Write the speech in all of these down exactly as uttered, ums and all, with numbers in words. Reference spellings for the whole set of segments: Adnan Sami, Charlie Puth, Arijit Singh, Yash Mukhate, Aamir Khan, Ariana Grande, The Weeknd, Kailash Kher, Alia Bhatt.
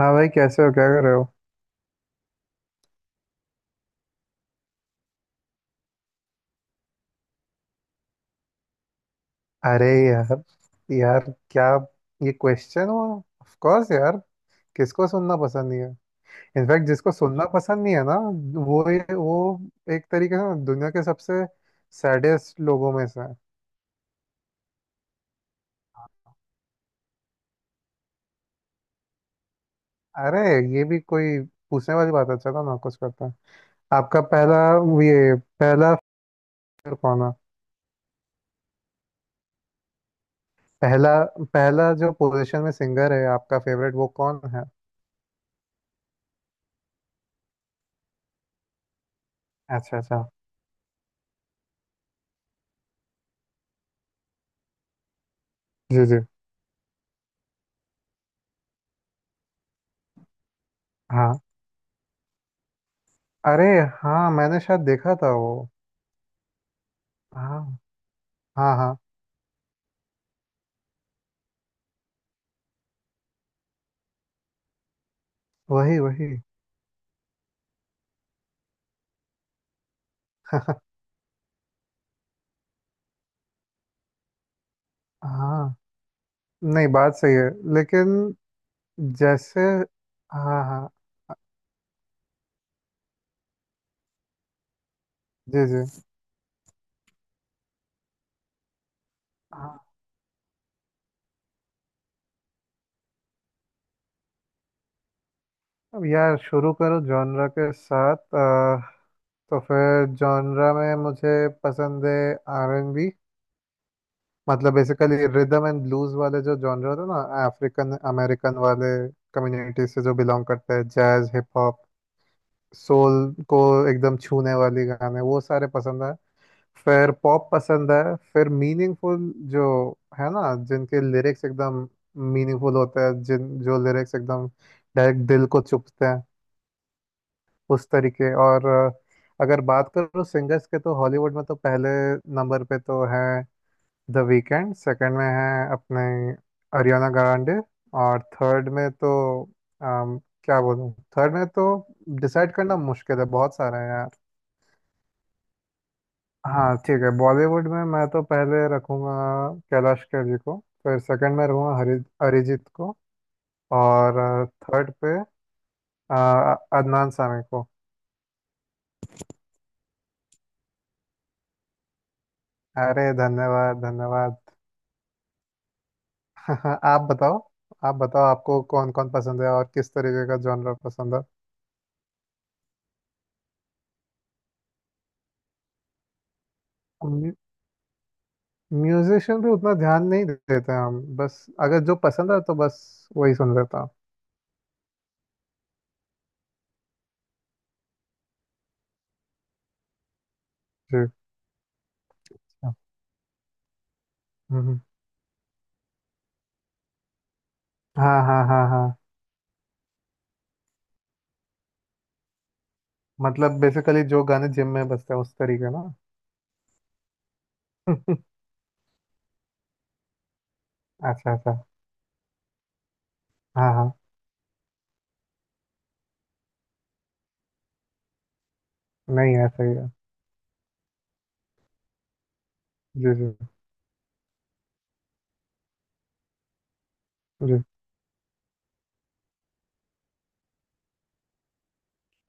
हाँ भाई, कैसे हो, क्या कर रहे हो। अरे यार, यार क्या ये क्वेश्चन हुआ, ऑफ कोर्स यार। किसको सुनना पसंद नहीं है। इनफैक्ट जिसको सुनना पसंद नहीं है ना, वो ये- वो एक तरीके से ना दुनिया के सबसे सैडेस्ट लोगों में से है। अरे, ये भी कोई पूछने वाली बात है, चलो ना कुछ करता है। आपका पहला, ये पहला सिंगर कौन है। पहला पहला जो पोजीशन में सिंगर है आपका फेवरेट वो कौन है। अच्छा, अच्छा। जी, जी। हाँ। अरे हाँ, मैंने शायद देखा था वो। हाँ, हाँ, हाँ। वही वही। हाँ, नहीं, बात सही है। लेकिन जैसे, हाँ, हाँ। जी, जी। हाँ। अब यार, शुरू करो जॉनरा के साथ। अ, तो फिर जॉनरा में मुझे पसंद है आर एन बी। मतलब बेसिकली रिदम एंड ब्लूज वाले जो जॉनरा होते हैं ना, अफ्रीकन अमेरिकन वाले कम्युनिटी से जो बिलोंग करते हैं, जैज, हिप हॉप, सोल को एकदम छूने वाली गाने, वो सारे पसंद है। फिर पॉप पसंद है, फिर मीनिंगफुल जो है ना, जिनके लिरिक्स एकदम मीनिंगफुल होते हैं, जिन जो लिरिक्स एकदम डायरेक्ट दिल को चुभते हैं उस तरीके। और अ, अगर बात करूँ सिंगर्स के, तो हॉलीवुड में तो पहले नंबर पे तो है द वीकेंड। सेकंड में है अपने अरियाना ग्रांडे। और थर्ड में तो अम, क्या बोलूँ, थर्ड में तो डिसाइड करना मुश्किल है, बहुत सारे हैं। हाँ ठीक है, बॉलीवुड में मैं तो पहले रखूँगा कैलाश खेर जी को, फिर सेकंड में रखूँगा हरि अरिजीत को, और थर्ड पे अ, अदनान सामी को। अरे, धन्यवाद धन्यवाद। आप बताओ, आप बताओ, आपको कौन कौन पसंद है और किस तरीके का जॉनर पसंद है। म्यू- म्यूजिशियन पे उतना ध्यान नहीं देते हैं हम, बस अगर जो पसंद है तो बस वही सुन लेता हूँ। जी। अच्छा। हम्म, हाँ, हाँ, हाँ, हाँ। मतलब बेसिकली जो गाने जिम में बजते हैं उस तरीके ना। अच्छा, अच्छा। हाँ, हाँ। नहीं, है सही है। जी, जी, जी।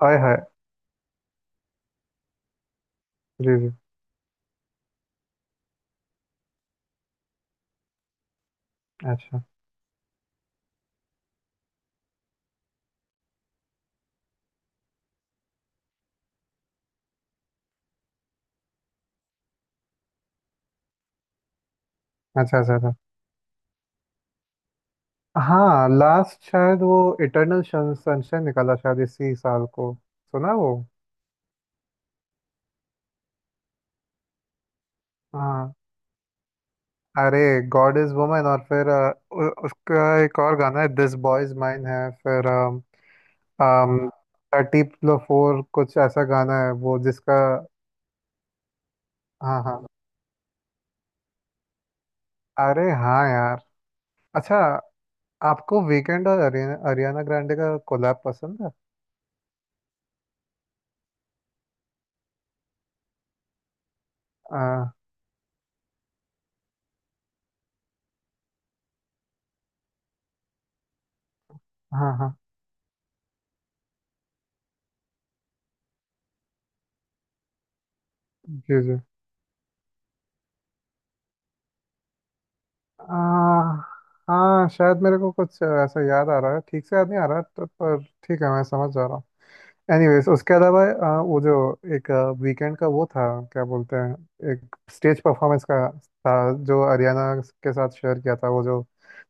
हाय हाय। जी, जी। अच्छा, अच्छा, अच्छा, अच्छा। हाँ, लास्ट शायद वो इटर्नल सनशाइन निकाला शायद इसी साल को। सुना वो। हाँ। अरे, गॉड इज वुमन। और फिर अ, उ, उसका एक और गाना है दिस बॉय इज माइन है। फिर थर्टी फोर कुछ ऐसा गाना है वो जिसका। हाँ, हाँ। अरे हाँ यार। अच्छा, आपको वीकेंड और हरियाणा हरियाणा ग्रांडे का कोलैब पसंद है। आ, हाँ, हाँ। जी, जी। आ, हाँ, शायद मेरे को कुछ ऐसा याद आ रहा है, ठीक से याद नहीं आ रहा है, तो पर ठीक है मैं समझ जा रहा हूँ। एनीवेज, उसके अलावा आ, वो जो एक वीकेंड का वो था, क्या बोलते हैं, एक स्टेज परफॉर्मेंस का था, जो हरियाणा के साथ शेयर किया था, वो जो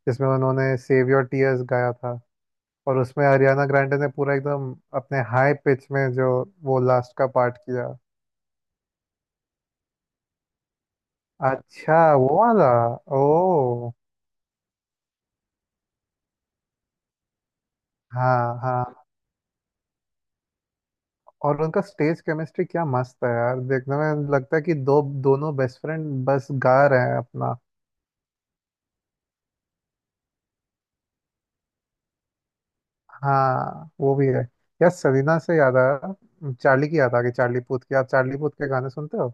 जिसमें उन्होंने सेव योर टीयर्स गाया था। और उसमें हरियाणा ग्रांडे ने पूरा एकदम अपने हाई पिच में जो वो लास्ट का पार्ट किया। अच्छा, वो वाला। ओ, हाँ, हाँ। और उनका स्टेज केमिस्ट्री क्या मस्त है यार, देखने में लगता है कि दो दोनों बेस्ट फ्रेंड बस गा रहे हैं अपना। हाँ, वो भी है। यार, सरीना से याद आया, चार्ली की याद आ गई, चार्ली पूथ की। आप चार्ली पूथ के गाने सुनते हो।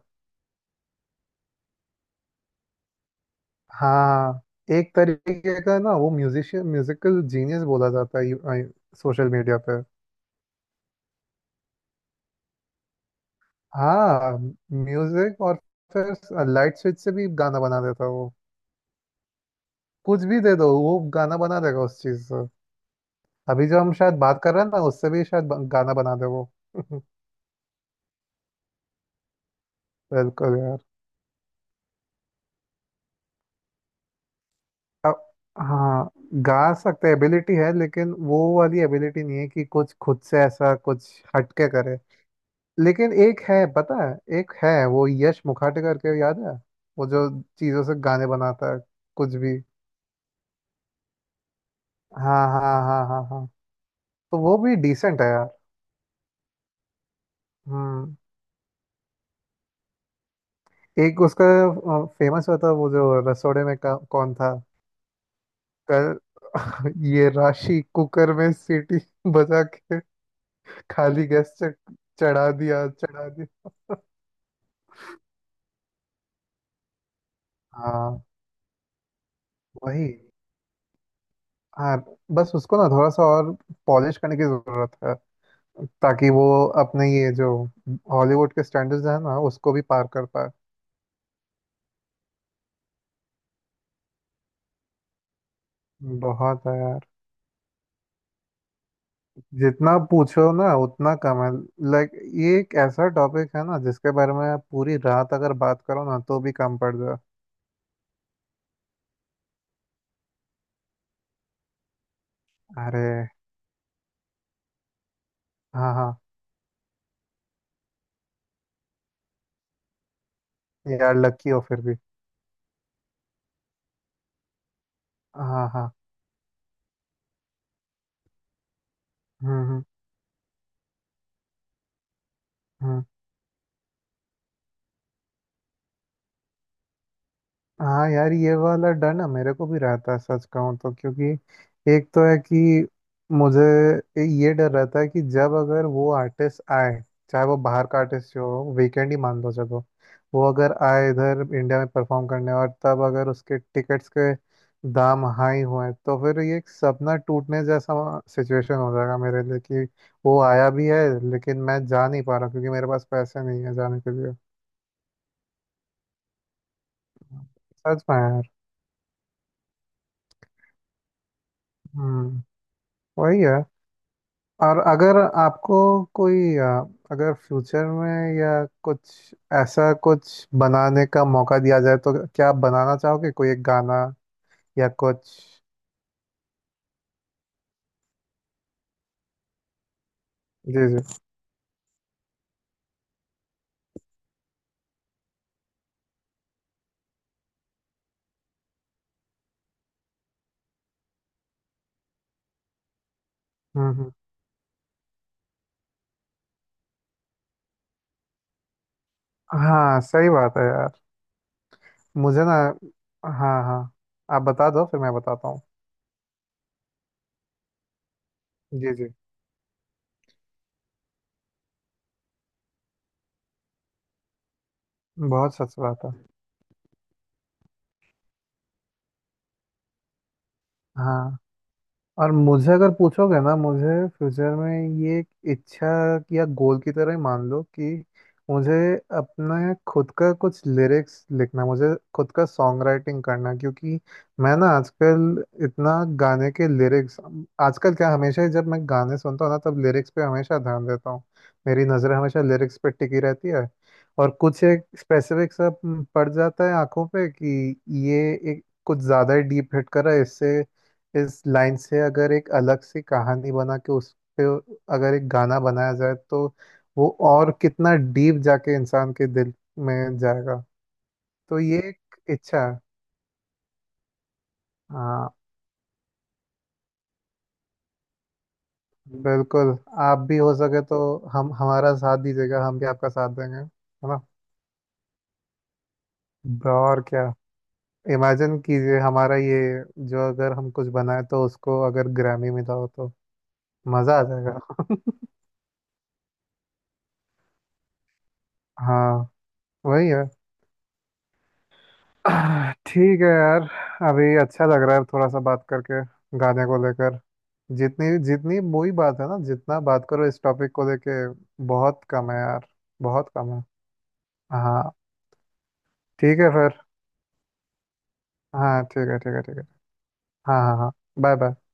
हाँ। एक तरीके का ना वो म्यूजिशियन, म्यूजिकल जीनियस बोला जाता है सोशल मीडिया पे। हाँ, म्यूजिक। और फिर लाइट स्विच से भी गाना बना देता है वो। कुछ भी दे दो, वो गाना बना देगा उस चीज। अभी जो हम शायद बात कर रहे हैं ना, उससे भी शायद ब- गाना बना दे वो। बिल्कुल यार। अब हाँ। गा सकते एबिलिटी है, लेकिन वो वाली एबिलिटी नहीं है कि कुछ खुद से ऐसा कुछ हटके करे। लेकिन एक है, पता है? एक है वो यश मुखाटे करके, याद है? वो जो चीजों से गाने बनाता है कुछ भी। हाँ, हाँ, हाँ, हाँ, हाँ। तो वो भी डिसेंट है यार। हम्म। एक उसका फेमस हुआ था वो जो रसोड़े में का, कौन था। कर ये राशि कुकर में सीटी बजा के खाली गैस से, चढ़ा दिया, चढ़ा दिया। हाँ। वही। हाँ, बस उसको ना थोड़ा सा और पॉलिश करने की जरूरत है, ताकि वो अपने ये जो हॉलीवुड के स्टैंडर्ड्स हैं ना, उसको भी पार कर पाए। बहुत है यार। जितना पूछो ना उतना कम है। लाइक, ये एक ऐसा टॉपिक है ना, जिसके बारे में आप पूरी रात अगर बात करो ना, तो भी कम पड़ जाए। अरे, हाँ, हाँ, यार लकी हो फिर भी। हाँ, हाँ। हम्म, हम्म, हम्म। हाँ यार, ये वाला डर ना मेरे को भी रहता है, सच कहूँ तो। क्योंकि एक तो है कि मुझे ये डर रहता है कि जब अगर वो आर्टिस्ट आए, चाहे वो बाहर का आर्टिस्ट हो, वीकेंड ही मान लो चलो, वो अगर आए इधर इंडिया में परफॉर्म करने, और तब अगर उसके टिकट्स के दाम हाई हुए, तो फिर ये एक सपना टूटने जैसा सिचुएशन हो जाएगा मेरे लिए कि वो आया भी है, लेकिन मैं जा नहीं पा रहा क्योंकि मेरे पास पैसे नहीं है जाने के लिए। सच में यार। हम्म। वही है। और अगर आपको कोई अ, अगर फ्यूचर में या कुछ, ऐसा कुछ बनाने का मौका दिया जाए, तो क्या आप बनाना चाहोगे कोई एक गाना, या कुछ। जी, जी। हम्म, हम्म। हाँ सही बात है यार, मुझे ना, हाँ, हाँ, आप बता दो फिर मैं बताता हूँ। जी, जी। बहुत सच बात है। हाँ, और मुझे अगर पूछोगे ना, मुझे फ्यूचर में ये एक इच्छा या गोल की तरह ही मान लो कि मुझे अपने खुद का कुछ लिरिक्स लिखना, मुझे खुद का सॉन्ग राइटिंग करना, क्योंकि मैं ना आजकल इतना गाने के लिरिक्स, आजकल क्या हमेशा ही, जब मैं गाने सुनता हूँ ना, तब लिरिक्स पे हमेशा ध्यान देता हूँ, मेरी नज़र हमेशा लिरिक्स पे टिकी रहती है। और कुछ एक स्पेसिफिक सा पड़ जाता है आंखों पे कि ये एक कुछ ज़्यादा ही डीप हिट कर रहा है, इससे इस लाइन से अगर एक अलग सी कहानी बना के उस पे अगर एक गाना बनाया जाए, तो वो और कितना डीप जाके इंसान के दिल में जाएगा। तो ये एक इच्छा है। हाँ, बिल्कुल। आप भी हो सके तो हम हमारा साथ दीजिएगा, हम भी आपका साथ देंगे, है ना। ब्रो, और क्या। इमेजिन कीजिए हमारा ये जो, अगर हम कुछ बनाए तो उसको अगर ग्रैमी मिला हो तो मज़ा आ जाएगा। हाँ, वही है। आह, ठीक है यार। अभी अच्छा लग रहा है, थोड़ा सा बात करके गाने को लेकर। जितनी जितनी वही बात है ना, जितना बात करो इस टॉपिक को लेके, बहुत कम है यार। बहुत कम है। हाँ, ठीक है फिर। हाँ, ठीक है, ठीक है, ठीक है। हाँ, हाँ, हाँ। Bye, bye.